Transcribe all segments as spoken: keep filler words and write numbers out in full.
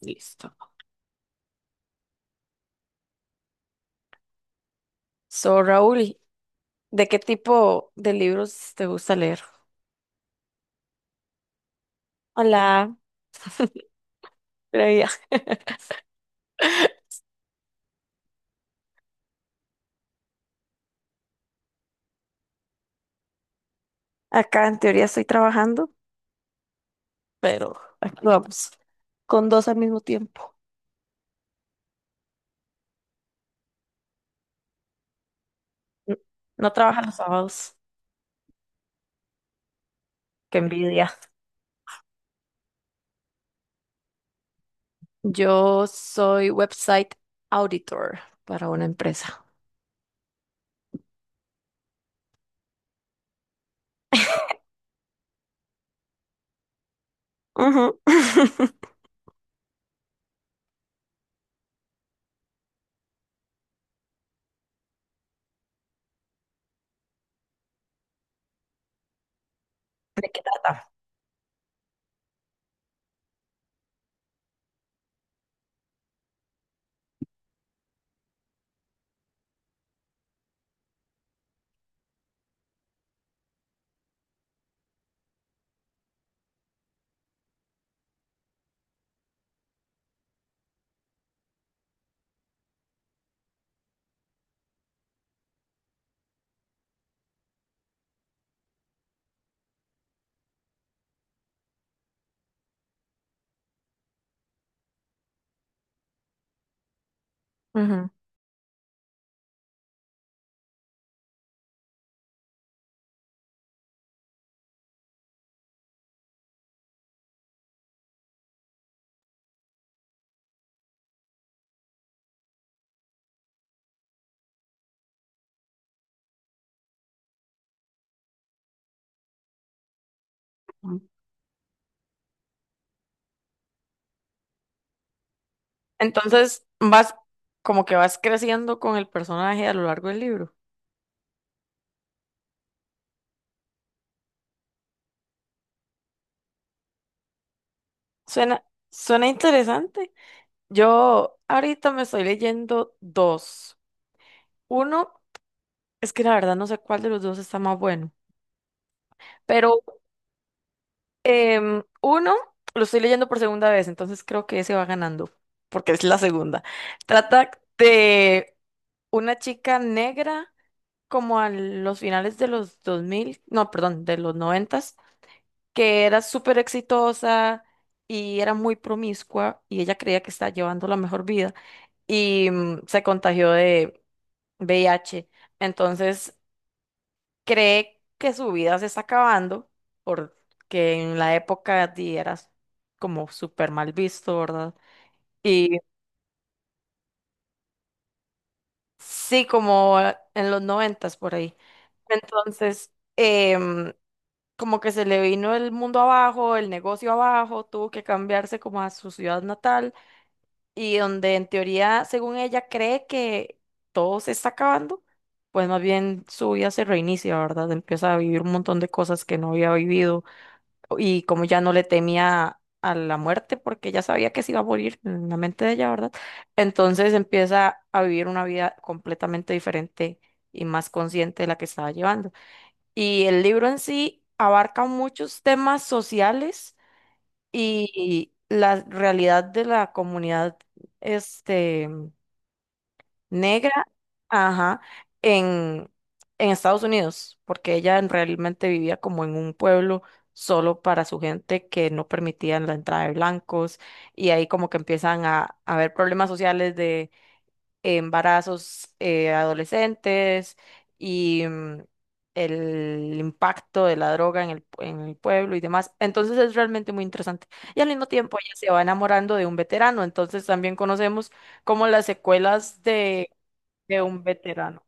Listo. So, Raúl, ¿de qué tipo de libros te gusta leer? Hola. Previa. Acá en teoría estoy trabajando, pero aquí vamos, con dos al mismo tiempo. N- No trabaja los sábados, qué envidia. Yo soy website auditor para una empresa. Ujú. ¿De qué trata? Ujú. Entonces, vas como que vas creciendo con el personaje a lo largo del libro. Suena, suena interesante. Yo ahorita me estoy leyendo dos. Uno, es que la verdad no sé cuál de los dos está más bueno, pero em, uno lo estoy leyendo por segunda vez, entonces creo que ese va ganando, porque es la segunda. Trata de una chica negra como a los finales de los dos mil, no, perdón, de los noventas, que era súper exitosa y era muy promiscua y ella creía que estaba llevando la mejor vida y mm, se contagió de V I H. Entonces, cree que su vida se está acabando porque en la época di, era como súper mal visto, ¿verdad? Y sí, como en los noventas por ahí. Entonces, em, como que se le vino el mundo abajo, el negocio abajo, tuvo que cambiarse como a su ciudad natal y donde en teoría, según ella, cree que todo se está acabando, pues más bien su vida se reinicia, ¿verdad? Empieza a vivir un montón de cosas que no había vivido y como ya no le temía a la muerte porque ya sabía que se iba a morir en la mente de ella, ¿verdad? Entonces empieza a vivir una vida completamente diferente y más consciente de la que estaba llevando. Y el libro en sí abarca muchos temas sociales y la realidad de la comunidad este, negra, ajá, en, en Estados Unidos, porque ella en- realmente vivía como en un pueblo solo para su gente que no permitían la entrada de blancos y ahí como que empiezan a, a haber problemas sociales, embarazos, eh, adolescentes, y mm, el impacto de la droga en el, en el pueblo y demás. Entonces es realmente muy interesante. Y al mismo tiempo ella se va enamorando de un veterano, entonces también conocemos como las secuelas de, de un veterano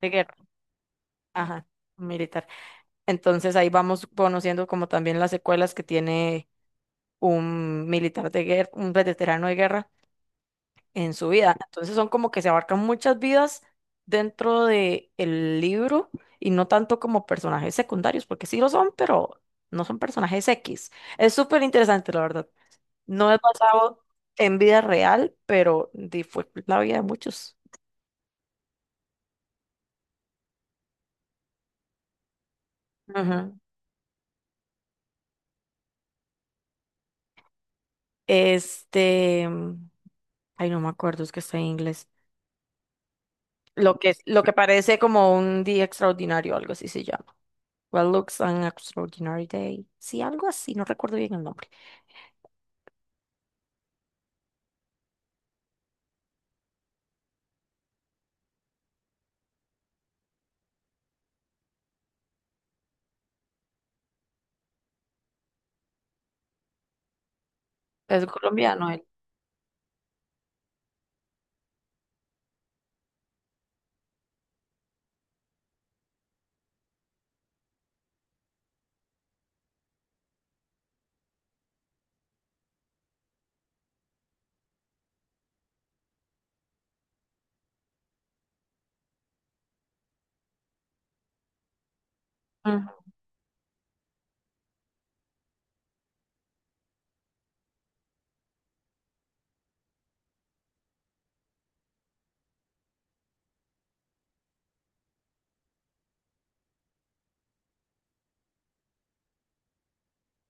de guerra, ajá, un militar. Entonces ahí vamos conociendo como también las secuelas que tiene un militar de guerra, un veterano de guerra en su vida. Entonces son como que se abarcan muchas vidas dentro de el libro, y no tanto como personajes secundarios, porque sí lo son, pero no son personajes X. Es súper interesante, la verdad. No es basado en vida real, pero di- fue la vida de muchos. Ujú. Este, mm, Ay, no me acuerdo, es que está en inglés. Lo que, lo que parece como un día extraordinario, algo así se llama. What looks an extraordinary day. Sí, algo así, no recuerdo bien el nombre. Es colombiano él. Ujú.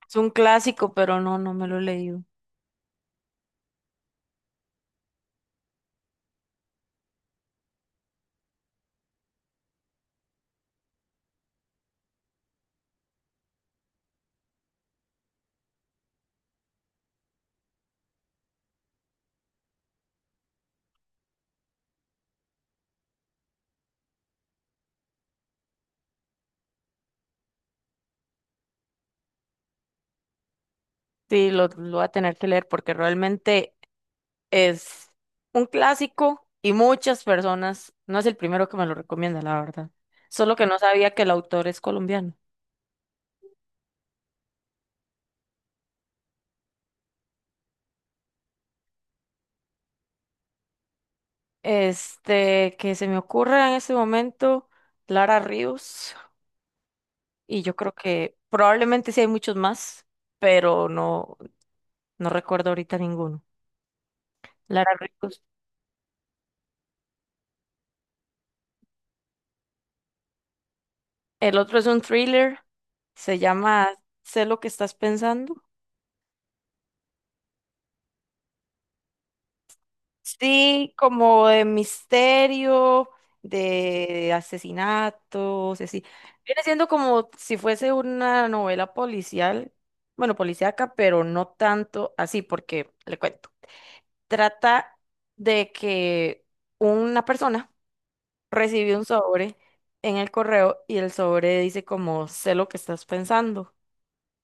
Es un clásico, pero no, no me lo he leído. Sí, lo, lo voy a tener que leer porque realmente es un clásico y muchas personas, no es el primero que me lo recomienda, la verdad. Solo que no sabía que el autor es colombiano. Este, que se me ocurre en ese momento, Lara Ríos, y yo creo que probablemente sí hay muchos más, pero no, no recuerdo ahorita ninguno. Lara Ríos. El otro es un thriller, se llama Sé lo que estás pensando. Sí, como de misterio, de asesinatos, así. Viene siendo como si fuese una novela policial, bueno, policíaca, pero no tanto así, porque le cuento. Trata de que una persona recibió un sobre en el correo, y el sobre dice como, sé lo que estás pensando,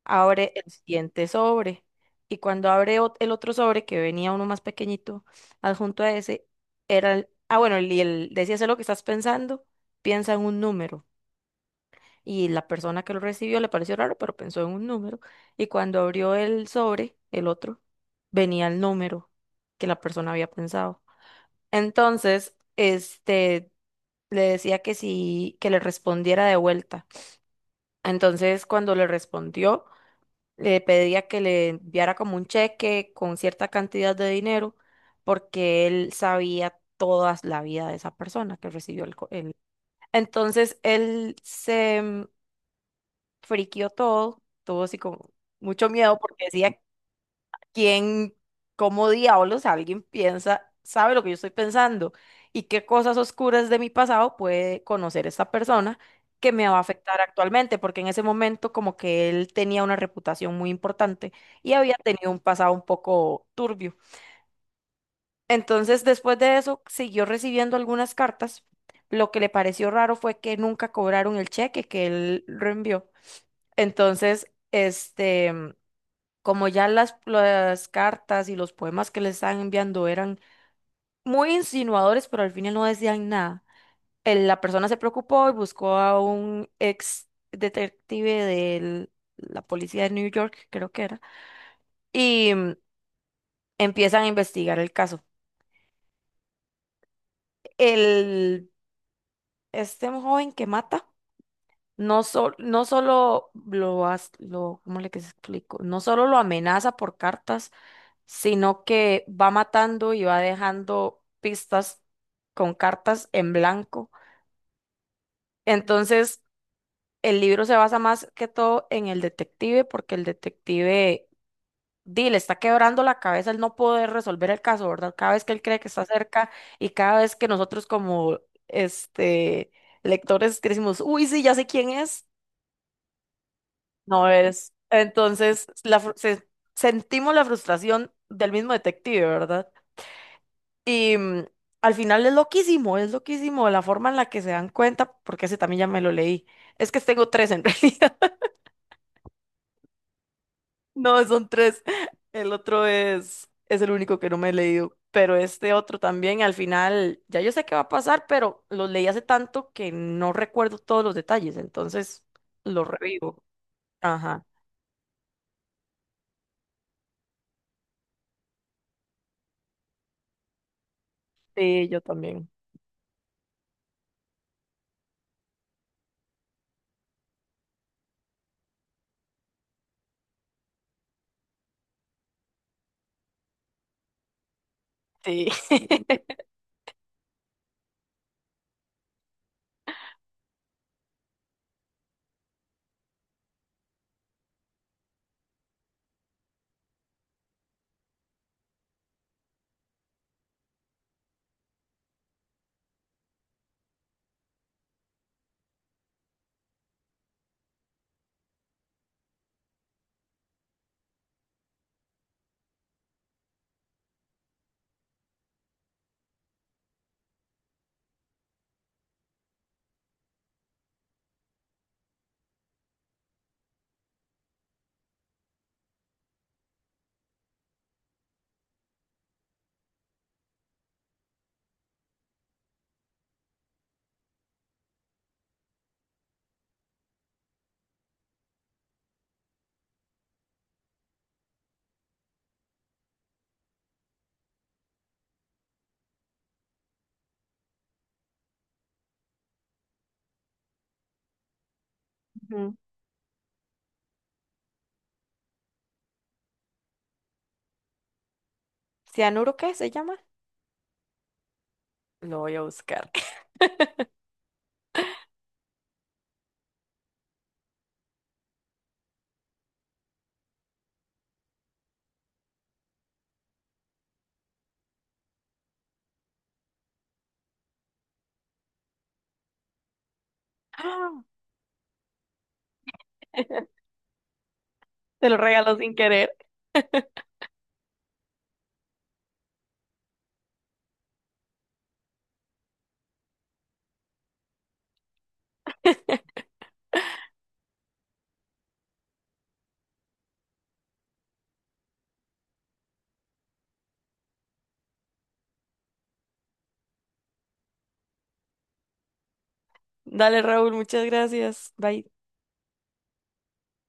abre el siguiente sobre. Y cuando abre ot- el otro sobre, que venía uno más pequeñito, adjunto a ese, era el, ah, bueno, y él decía, sé lo que estás pensando, piensa en un número. Y la persona que lo recibió le pareció raro, pero pensó en un número. Y cuando abrió el sobre, el otro, venía el número que la persona había pensado. Entonces, este, le decía que sí, que le respondiera de vuelta. Entonces, cuando le respondió, le pedía que le enviara como un cheque con cierta cantidad de dinero, porque él sabía toda la vida de esa persona que recibió el, co- el- Entonces él se mm, friquió todo, tuvo así como mucho miedo, porque decía quién, cómo diablos alguien piensa, sabe lo que yo estoy pensando, y qué cosas oscuras de mi pasado puede conocer esta persona que me va a afectar actualmente, porque en ese momento como que él tenía una reputación muy importante y había tenido un pasado un poco turbio. Entonces, después de eso, siguió recibiendo algunas cartas. Lo que le pareció raro fue que nunca cobraron el cheque que él reenvió. Entonces, este como ya las, las cartas y los poemas que le estaban enviando eran muy insinuadores, pero al final no decían nada. El- la persona se preocupó y buscó a un ex detective de la policía de New York, creo que era, y mm, empiezan a investigar el caso. El, este joven que mata. No, sol- no solo lo, as- lo, ¿cómo le que se explico? No solo lo amenaza por cartas, sino que va matando y va dejando pistas con cartas en blanco. Entonces, el libro se basa más que todo en el detective, porque el detective, di, le está quebrando la cabeza el no poder resolver el caso, ¿verdad? Cada vez que él cree que está cerca, y cada vez que nosotros como, este, lectores, que decimos, uy, sí, ya sé quién es, no es. Entonces, la, fru- se- sentimos la frustración del mismo detective, ¿verdad? Y mm, al final es loquísimo, es loquísimo la forma en la que se dan cuenta, porque ese también ya me lo leí. Es que tengo tres en realidad. No, son tres. El otro es, es el único que no me he leído. Pero este otro también, al final, ya yo sé qué va a pasar, pero lo leí hace tanto que no recuerdo todos los detalles, entonces lo revivo. Ajá. Sí, yo también. Sí. Ujú. ¿Cianuro qué se llama? Lo voy a buscar. ¡Ah! Te lo regalo sin querer. Dale, Raúl, muchas gracias. Bye.